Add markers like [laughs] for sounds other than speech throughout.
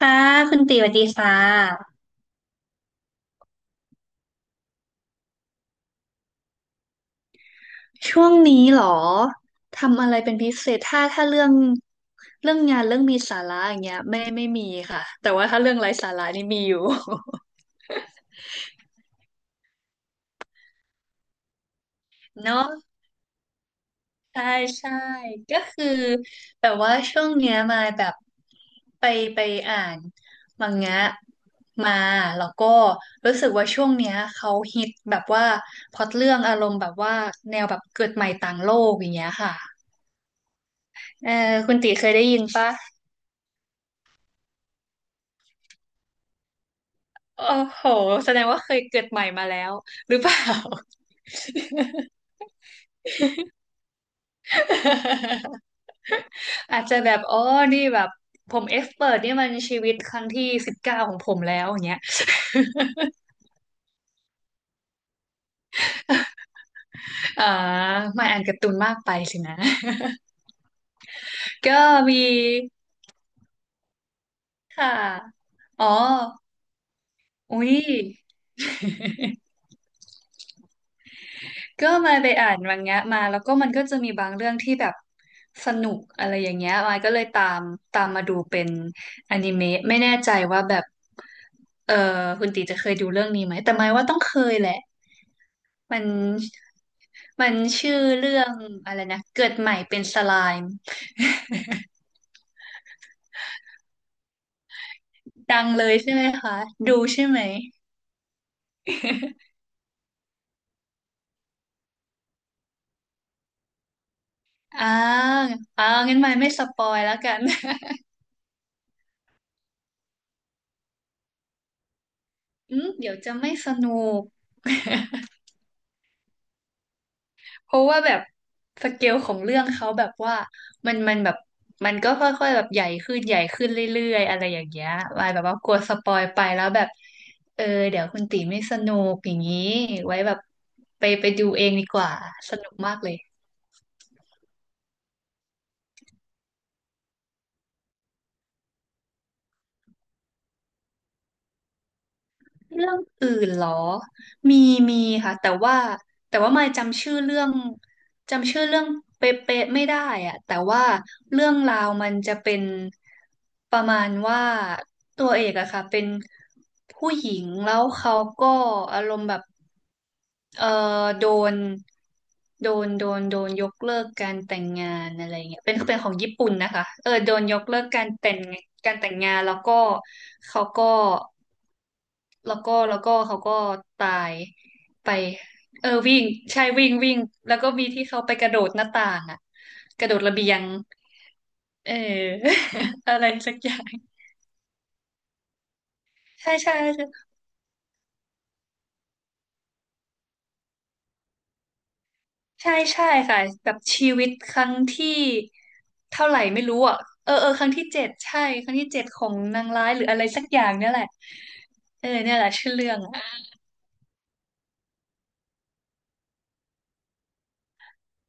ค่ะคุณตีสวัสดีค่ะช่วงนี้เหรอทำอะไรเป็นพิเศษถ้าเรื่องงานเรื่องมีสาระอย่างเงี้ยไม่มีค่ะแต่ว่าถ้าเรื่องไร้สาระนี่มีอยู่ [laughs] เนาะใช่ใช่ก็คือแบบว่าช่วงเนี้ยมาแบบไปไปอ่านมังงะมาแล้วก็รู้สึกว่าช่วงเนี้ยเขาฮิตแบบว่าพล็อตเรื่องอารมณ์แบบว่าแนวแบบเกิดใหม่ต่างโลกอย่างเงี้ยค่ะเออคุณตีเคยได้ยินปะ โอ้โหแสดงว่าเคยเกิดใหม่มาแล้วหรือเปล่า [laughs] อาจจะแบบอ๋อนี่แบบผมเอ็กซ์เพิร์นี่มันชีวิตครั้งที่19ของผมแล้วอย่างเงี้ยอ่าไม่อ่านการ์ตูนมากไปสินะ [laughs] ก็มีค่ะ อ๋อ อุ้ยก็มาไปอ่านมังงะมาแล้วก็มันก็จะมีบางเรื่องที่แบบสนุกอะไรอย่างเงี้ยมายก็เลยตามมาดูเป็นอนิเมะไม่แน่ใจว่าแบบ เออคุณตีจะเคยดูเรื่องนี้ไหมแต่หมายว่าต้องเคยแหละมันมันชื่อเรื่องอะไรนะเกิดใหม่เป็นสไลม์ดังเลยใช่ไหมคะดูใช่ไหมอ่างั้นหมายไม่สปอยแล้วกัน [laughs] อืมเดี๋ยวจะไม่สนุก [laughs] เพราะว่าแบบสเกลของเรื่องเขาแบบว่ามันแบบมันก็ค่อยๆแบบใหญ่ขึ้นใหญ่ขึ้นเรื่อยๆอะไรอย่างเงี้ยไว้แบบว่ากลัวสปอยไปแล้วแบบเออเดี๋ยวคุณตีไม่สนุกอย่างนี้ไว้แบบไปดูเองดีกว่าสนุกมากเลย เรื่องอื่นเหรอ มีมีค่ะแต่ว่าไม่จำชื่อเรื่องเป๊ะๆไม่ได้อะแต่ว่าเรื่องราวมันจะเป็นประมาณว่าตัวเอกอะค่ะเป็นผู้หญิงแล้วเขาก็อารมณ์แบบเออโดนโดนยกเลิกการแต่งงานอะไรเงี้ยเป็นของญี่ปุ่นนะคะเออโดนยกเลิกการแต่งงานแล้วก็เขาก็ แล้วก็เขาก็ตายไปเออวิ่งใช่วิ่งวิ่งแล้วก็มีที่เขาไปกระโดดหน้าต่างอะกระโดดระเบียงเออ [laughs] อะไรสักอย่างใช่ใช่ใช่ใช่ใช่ค่ะแบบชีวิตครั้งที่เท่าไหร่ไม่รู้อ่ะเออเออครั้งที่เจ็ดใช่ครั้งที่เจ็ดของนางร้ายหรืออะไรสักอย่างเนี่ยแหละเออเนี่ยแหละชื่อเรื่องอะ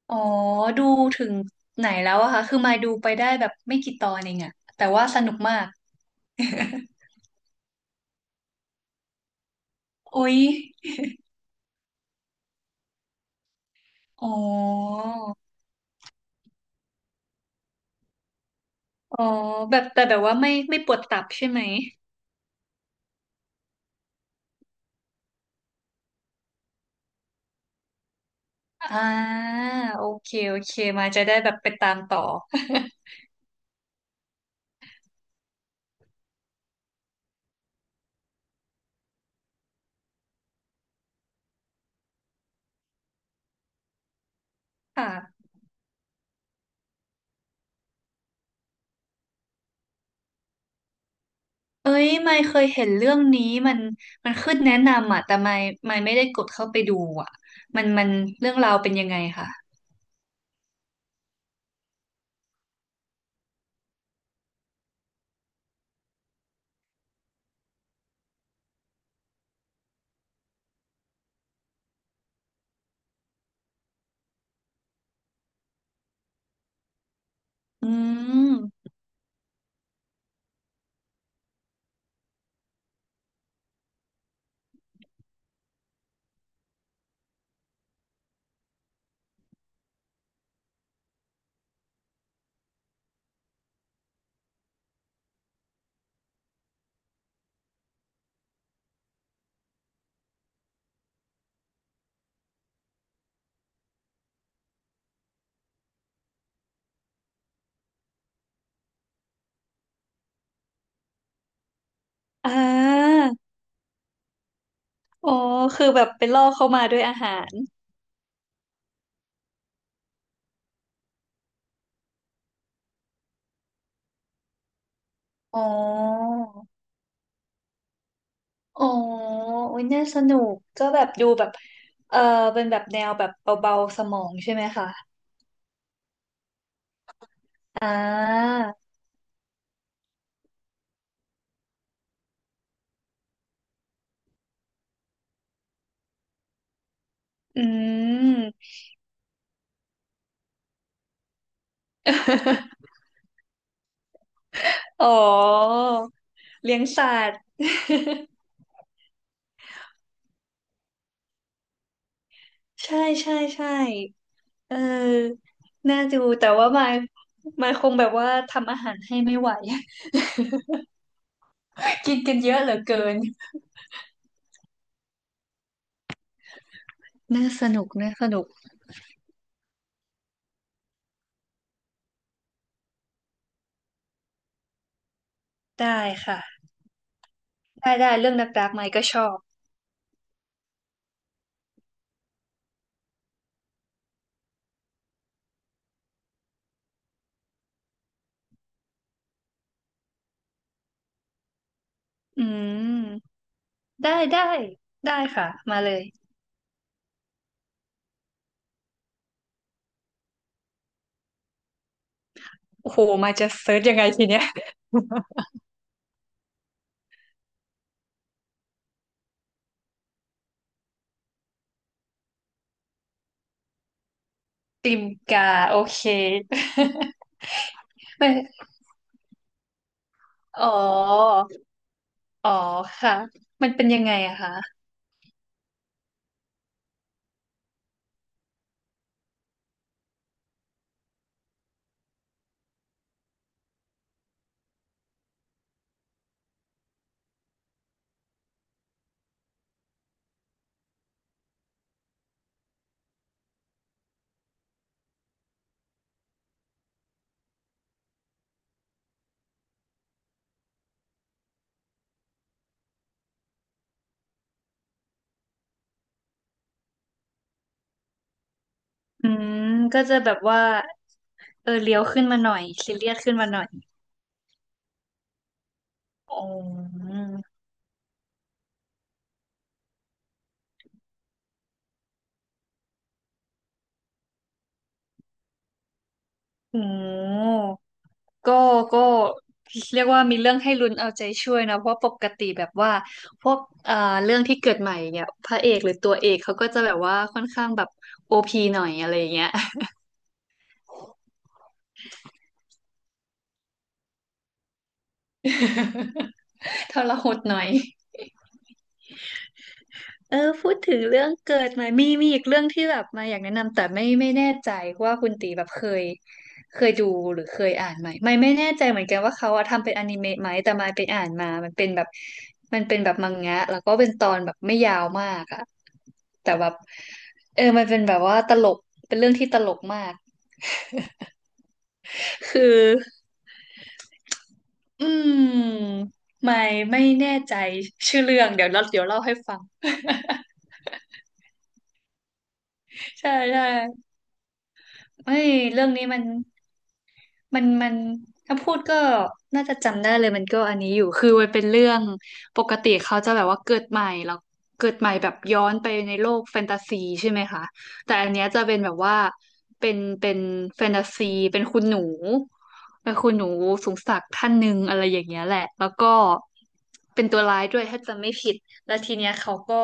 อ๋อดูถึงไหนแล้วอะคะคือมายดูไปได้แบบไม่กี่ตอนเองอะแต่ว่าสนุกมากโอ๊ย อ๋ออ๋อแบบแต่แบบว่าไม่ปวดตับใช่ไหมอ่าโอเคโอเคมาจะได้แบบไปตามต่อค่ะเอ้ยไม่เคยเห็นเรื่องนี้มันมันขึ้นแนะนำอ่ะแต่ไม่ได้กดเข้าไปดูอ่ะมันเรื่องราวเป็นยังไงค่ะอืมอ่าอ๋อคือแบบไปล่อเข้ามาด้วยอาหารอ๋ออ๋อโอ้ยน่าสนุกก็แบบดูแบบเออเป็นแบบแนวแบบเบาๆสมองใช่ไหมคะ อ่าอืม [laughs] อ๋อเลี้ยงสัตว์ใช่ใช่ใช่เออน่าดูแต่ว่ามายคงแบบว่าทำอาหารให้ไม่ไหว [laughs] กินกันเยอะเหลือเกิน น่าสนุกน่าสนุก ได้ค่ะ ได้เรื่องดักๆมายก็ชอบอืมได้ได้ได้ค่ะ มาเลย โอ้โห มายจะเซิร์ชยังไงทีเนี้ย [laughs] ติมกาโอเค [laughs] ไม่อ๋อ อ๋อค่ะมันเป็นยังไงอะคะอืมก็จะแบบว่าเออเลี้ยวขึ้นมาหน่อยซีเรียสขึ้นมาหน่อยอ๋ออืมก็ก็เรียกว่ามีเรื่องให้ลุ้นเอาใจช่วยนะเพราะปกติแบบว่าพวกเอ่อเรื่องที่เกิดใหม่เนี่ยพระเอกหรือตัวเอกเขาก็จะแบบว่าค่อนข้างแบบโอพีหน่อยอะไรอย่างเงี้ย [laughs] ทรหดหน่อย เออพูดถึงเรื่องเกิดมามีอีกเรื่องที่แบบมาอยากแนะนำแต่ไม่แน่ใจว่าคุณตีแบบเคยดูหรือเคยอ่านไหมไม่แน่ใจเหมือนกันว่าเขาอะทำเป็นอนิเมะไหมแต่มาไปอ่านมามันเป็นแบบมังงะแล้วก็เป็นตอนแบบไม่ยาวมากอะแต่แบบเออมันเป็นแบบว่าตลกเป็นเรื่องที่ตลกมากคืออืมไม่ไม่แน่ใจชื่อเรื่องเดี๋ยวเล่าให้ฟัง [laughs] ใช่ใช่ไม่เรื่องนี้มัน มันถ้าพูดก็น่าจะจำได้เลยมันก็อันนี้อยู่คือมันเป็นเรื่องปกติเขาจะแบบว่าเกิดใหม่แล้วเกิดใหม่แบบย้อนไปในโลกแฟนตาซีใช่ไหมคะแต่อันเนี้ยจะเป็นแบบว่าเป็นแฟนตาซีเป็นคุณหนูเป็นคุณหนูสูงศักดิ์ท่านหนึ่งอะไรอย่างเงี้ยแหละแล้วก็เป็นตัวร้ายด้วยถ้าจำไม่ผิดแล้วทีเนี้ยเขาก็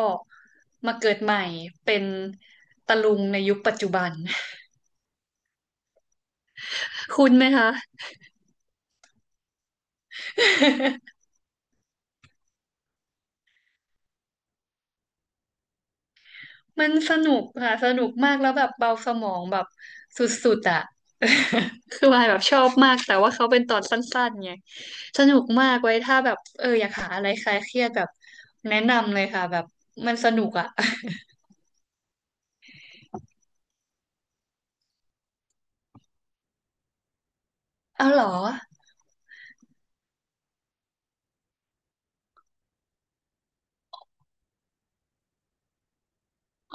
มาเกิดใหม่เป็นตะลุงในยุคปัจจุบัน [laughs] คุณไหมคะ [laughs] มันสนุกค่ะสนุกมากแล้วแบบเบาสมองแบบสุดๆอ่ะ [laughs] คือวายแบบชอบมากแต่ว่าเขาเป็นตอนสั้นๆไงสนุกมากไว้ถ้าแบบเอออยากหาอะไรคลายเครียดแบบแนะนำเลยค่ะแบบมันสนุกอ่ะ [laughs] เอาเหรอ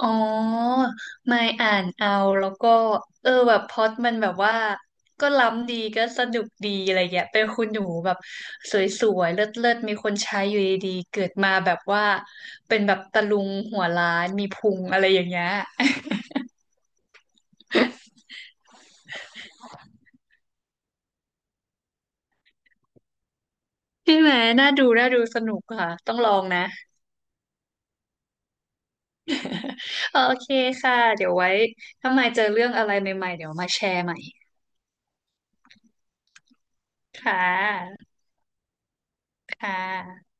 อ๋อไม่อ่านเอาแล้วก็เออแบบพล็อตมันแบบว่าก็ล้ำดีก็สนุกดีอะไรเงี้ยเป็นคุณหนูแบบสวยๆเลิศๆมีคนใช้อยู่ดีๆเกิดมาแบบว่าเป็นแบบตะลุงหัวล้านมีพุงอะไรอย่างเงี้ย [laughs] ใช่ไหมน่าดูน่าดูสนุกค่ะต้องลองนะ [laughs] โอเคค่ะเดี๋ยวไว้ถ้ามายเจอเรื่องอะไรใหม่ๆเดี๋ยวมาแชร์ใหม่ค่ะค่ะ